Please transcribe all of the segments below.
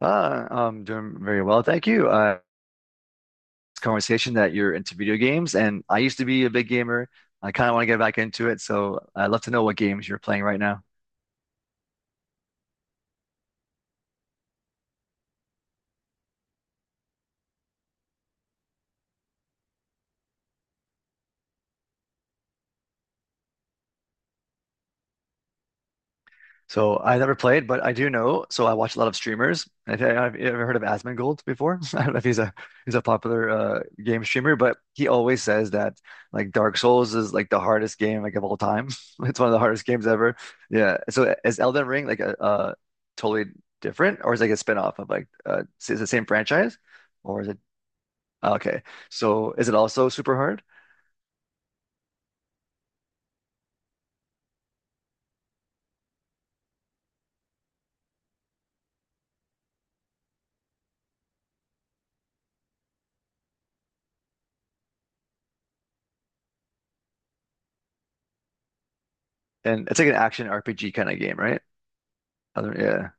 I'm doing very well, thank you. It's a conversation that you're into video games, and I used to be a big gamer. I kind of want to get back into it, so I'd love to know what games you're playing right now. So I never played, but I do know. So I watch a lot of streamers. I think I've ever heard of Asmongold before. I don't know if he's a popular game streamer, but he always says that like Dark Souls is like the hardest game like of all time. It's one of the hardest games ever. Yeah. So is Elden Ring like a, uh, totally different, or is it like a spin-off of like is it the same franchise, or is it oh, okay? So is it also super hard? And it's like an action RPG kind of game, right? Other, yeah.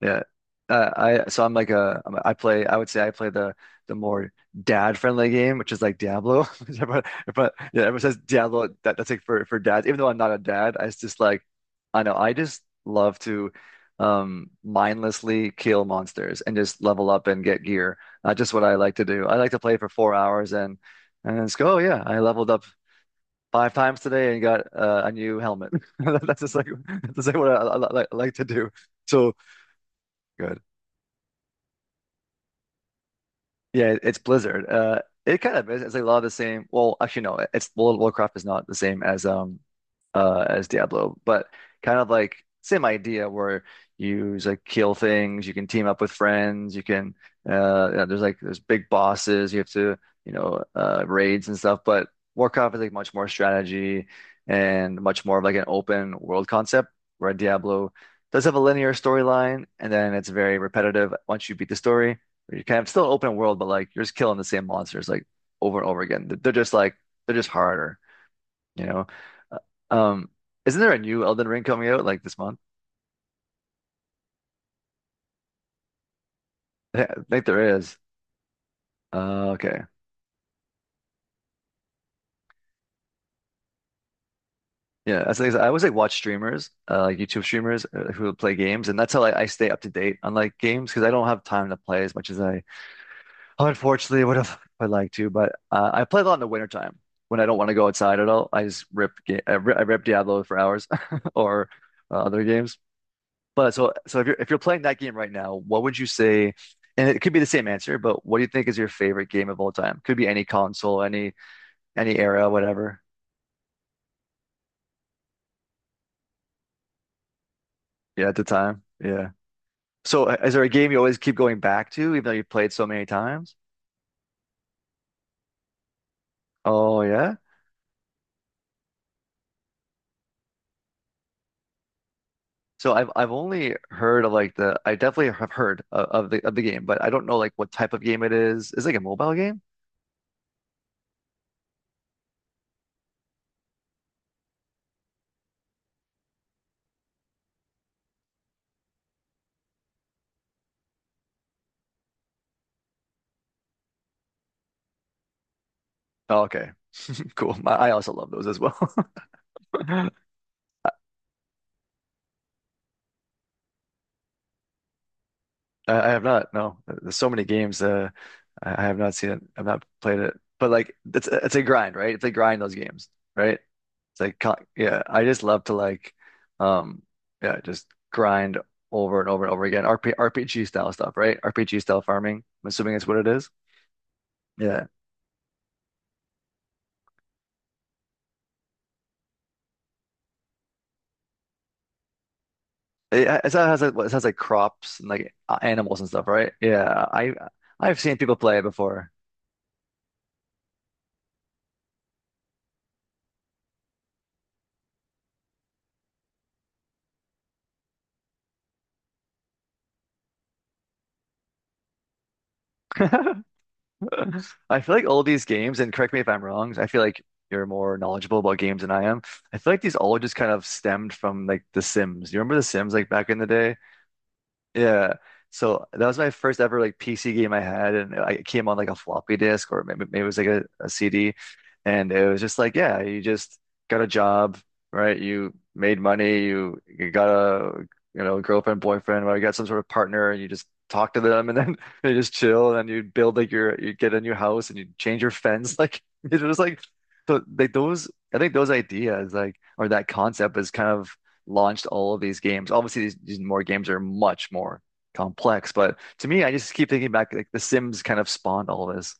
Yeah. Uh, I so I'm like a I'm a- I play I would say I play the more dad friendly game which is like Diablo. Everyone- But yeah, everyone says Diablo that's like for dads. Even though I'm not a dad, I it's just like I know I just love to mindlessly kill monsters and just level up and get gear. Just what I like to do. I like to play for 4 hours and it's go. Oh yeah, I leveled up five times today and got a new helmet. That's just like that's just like what I like to do. So. Good. Yeah, it's Blizzard. It kind of is. It's like a lot of the same. Well, actually, no. It's World of Warcraft is not the same as Diablo, but kind of like same idea where you just, like, kill things. You can team up with friends. You can you know, there's like there's big bosses. You have to you know raids and stuff. But Warcraft is like much more strategy and much more of like an open world concept. Where Diablo does have a linear storyline, and then it's very repetitive once you beat the story where you kind of still open world, but like you're just killing the same monsters like over and over again. They're just like they're just harder, you know. Uh, Um, isn't there a new Elden Ring coming out like this month? I think there is. Okay. Yeah, that's the thing. I always like watch streamers, like YouTube streamers who play games, and that's how like, I stay up to date on like games because I don't have time to play as much as I unfortunately would have. I'd like to. But I play a lot in the wintertime when I don't want to go outside at all. I just rip, ga I rip Diablo for hours or other games. But so if you're playing that game right now, what would you say? And it could be the same answer, but what do you think is your favorite game of all time? Could be any console, any era, whatever. Yeah, at the time. Yeah. So is there a game you always keep going back to, even though you've played so many times? Oh yeah. So I've only heard of like the I definitely have heard of the game, but I don't know like what type of game it is. Is it like a mobile game? Oh, okay, cool. I also love those as well. I have not. No, there's so many games. I have not seen it. I've not played it. But like, it's a grind, right? It's a grind those games, right? It's like, co- yeah, I just love to like, um, yeah, just grind over and over and over again. RP, RPG style stuff, right? RPG style farming. I'm assuming it's what it is. Yeah, it has like crops and like a- animals and stuff, right? Yeah, I I've seen people play it before. I feel like all these games, and correct me if I'm wrong, I feel like you're more knowledgeable about games than I am. I feel like these all just kind of stemmed from like The Sims. You remember The Sims like back in the day? Yeah. So that was my first ever like PC game I had, and I it came on like a floppy disk or maybe it was like a CD, and it was just like yeah, you just got a job, right? You made money, you got a you know girlfriend, boyfriend, or you got some sort of partner, and you just talk to them, and then they just chill, and then you build like your you get a new house, and you change your fence, like it was like so like those I think those ideas like or that concept is kind of launched all of these games. Obviously, these more games are much more complex, but to me, I just keep thinking back like The Sims kind of spawned all of this.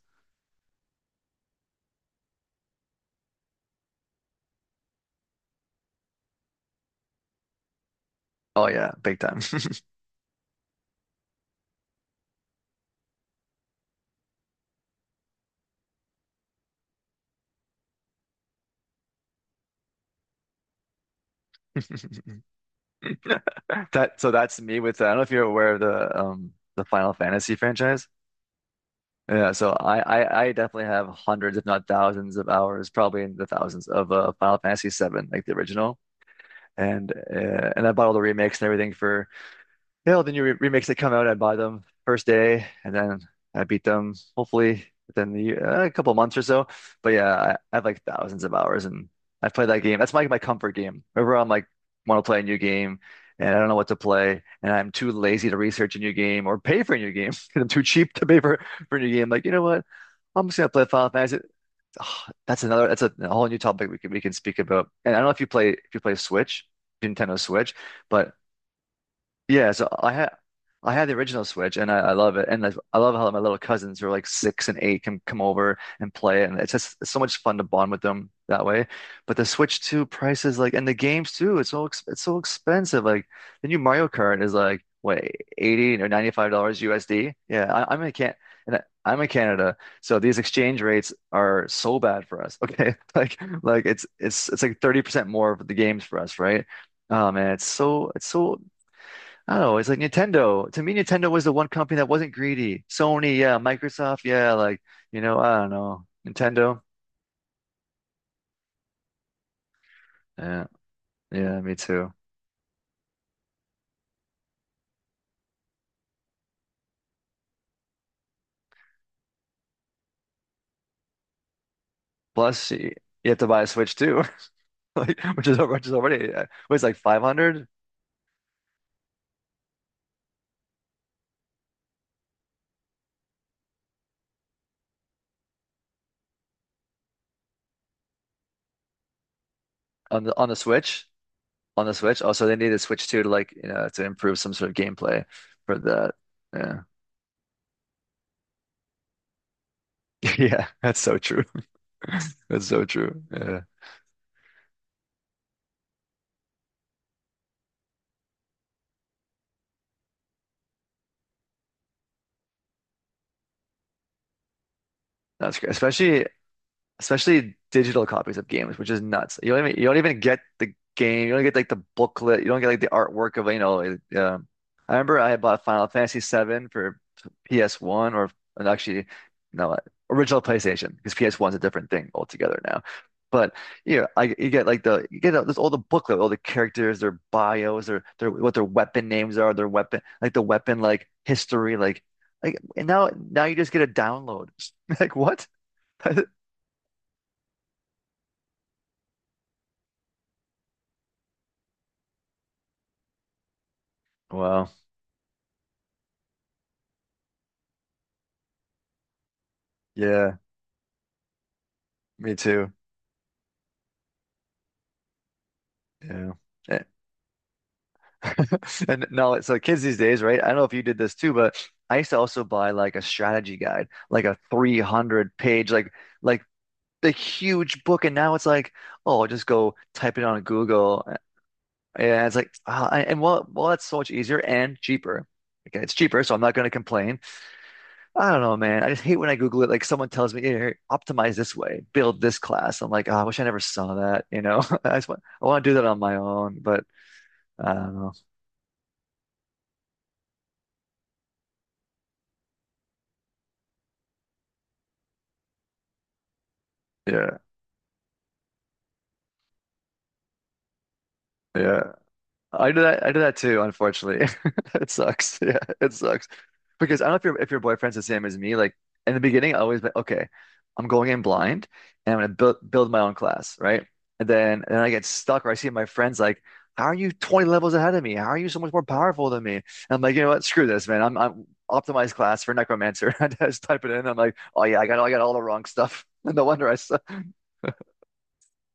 Oh yeah, big time. That so that's me with. I don't know if you're aware of the Final Fantasy franchise. Yeah, so I definitely have hundreds, if not thousands, of hours, probably in the thousands of Final Fantasy VII, like the original, and I bought all the remakes and everything for. Yeah, well, the new re remakes that come out, I buy them first day, and then I beat them hopefully within the year, a couple months or so. But yeah, I have like thousands of hours, and I've played that game. That's my comfort game. Whenever I'm like want to play a new game, and I don't know what to play, and I'm too lazy to research a new game or pay for a new game because I'm too cheap to pay for a new game. Like you know what? I'm just gonna play Final Fantasy. Ah, that's another. That's a whole new topic we can speak about. And I don't know if you play Switch, Nintendo Switch. But yeah, so I had the original Switch and I love it. And I love how my little cousins who are like six and eight can come over and play it, and it's just it's so much fun to bond with them that way. But the Switch 2 prices like and the games too, it's so expensive. Like the new Mario Kart is like what, 80 or $95 USD. Yeah, I'm in Can and I'm in Canada, so these exchange rates are so bad for us. Okay. Like it's it's like 30% more of the games for us, right? Oh man, it's so I don't know. It's like Nintendo. To me, Nintendo was the one company that wasn't greedy. Sony, yeah. Microsoft, yeah. Like, you know, I don't know. Nintendo, yeah. Yeah, me too. Plus, y- you have to buy a Switch too, like, which is already was like 500 on the Switch on the Switch. Also, they needed Switch too to like you know to improve some sort of gameplay for that. Yeah, yeah. That's so true. That's so true. Yeah, that's great. Especially digital copies of games, which is nuts. You don't even get the game. You don't get like the booklet. You don't get like the artwork of you know. I remember I had bought Final Fantasy VII for PS1 or and actually no original PlayStation because PS1's a different thing altogether now. But yeah, I you get like the you get this all the booklet, all the characters, their bios, their what their weapon names are, their weapon like the weapon like history, like and now you just get a download. Like what? Wow. Yeah, me too. Yeah. Eh, And now, like, so kids these days, right? I don't know if you did this too, but I used to also buy like a strategy guide, like a 300 page, like the huge book. And now it's like, oh, just go type it on Google. And it's like, ah, I- and well, that's so much easier and cheaper. Okay, it's cheaper, so I'm not going to complain. I don't know, man. I just hate when I Google it. Like someone tells me, "Here, optimize this way, build this class." I'm like, oh, I wish I never saw that. I want to do that on my own. I don't know. Yeah, yeah. I do that. I do that too, unfortunately. It sucks. Yeah, it sucks. Because I don't know if your boyfriend's the same as me. Like in the beginning, I always like, okay. I'm going in blind, and I'm gonna build my own class, right? And then I get stuck, or I see my friends like, "How are you 20 levels ahead of me? How are you so much more powerful than me?" And I'm like, you know what? Screw this, man. I'm optimized class for Necromancer. I just type it in. I'm like, oh yeah, I got all the wrong stuff. No wonder I suck.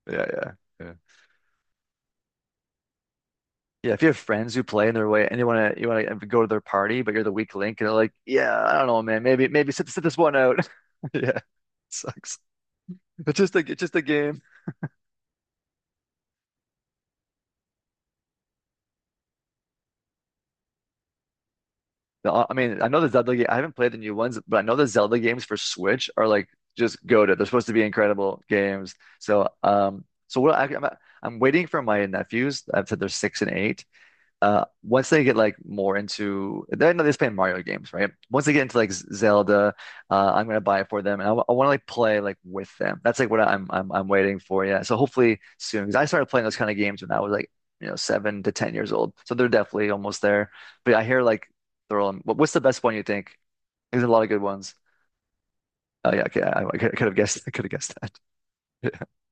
Yeah, yeah, yeah. Yeah, if you have friends who play in their way and you wanna go to their party, but you're the weak link, and they're like, "Yeah, I don't know, man. Maybe sit this one out." Yeah, sucks. It's just a game. I mean, I know the Zelda game. I haven't played the new ones, but I know the Zelda games for Switch are like just goated. They're supposed to be incredible games. So I'm waiting for my nephews. I've said they're six and eight. Once they get like more into, they're not just playing Mario games, right? Once they get into like Zelda, I'm gonna buy it for them, and I want to like play like with them. That's like what I'm waiting for. Yeah, so hopefully soon, because I started playing those kind of games when I was like you know 7 to 10 years old, so they're definitely almost there. But I hear like What's the best one you think? There's a lot of good ones. Oh yeah, okay, I could have guessed. I could have guessed that.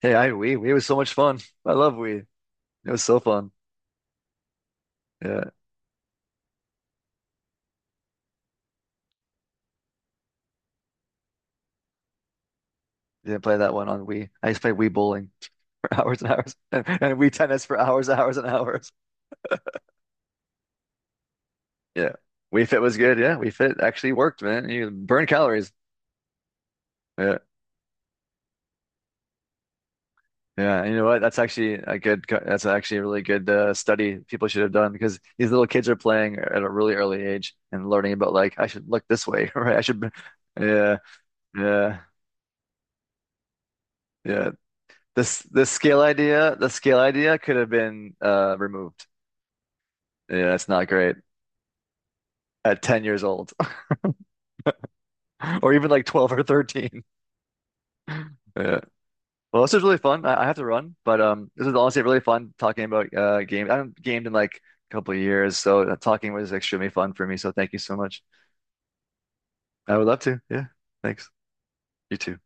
Hey, I Wii. Wii was so much fun. I love Wii. It was so fun. Yeah, didn't play that one on Wii. I used to play Wii Bowling. Hours and hours. And we tennis for hours, hours and hours. Yeah. We Fit was good. Yeah. We Fit actually worked, man. You burn calories. Yeah. Yeah. And you know what? That's actually a that's actually a really good study people should have done because these little kids are playing at a really early age and learning about like, I should look this way, right? Yeah. Yeah. Yeah. The scale idea could have been removed. Yeah. That's not great at 10 years old or even like 12 or 13. Yeah. Well, this was really fun. I have to run, but this is honestly really fun talking about games. I haven't gamed in like a couple of years, so talking was extremely fun for me. So thank you so much. I would love to. Yeah, thanks. You too.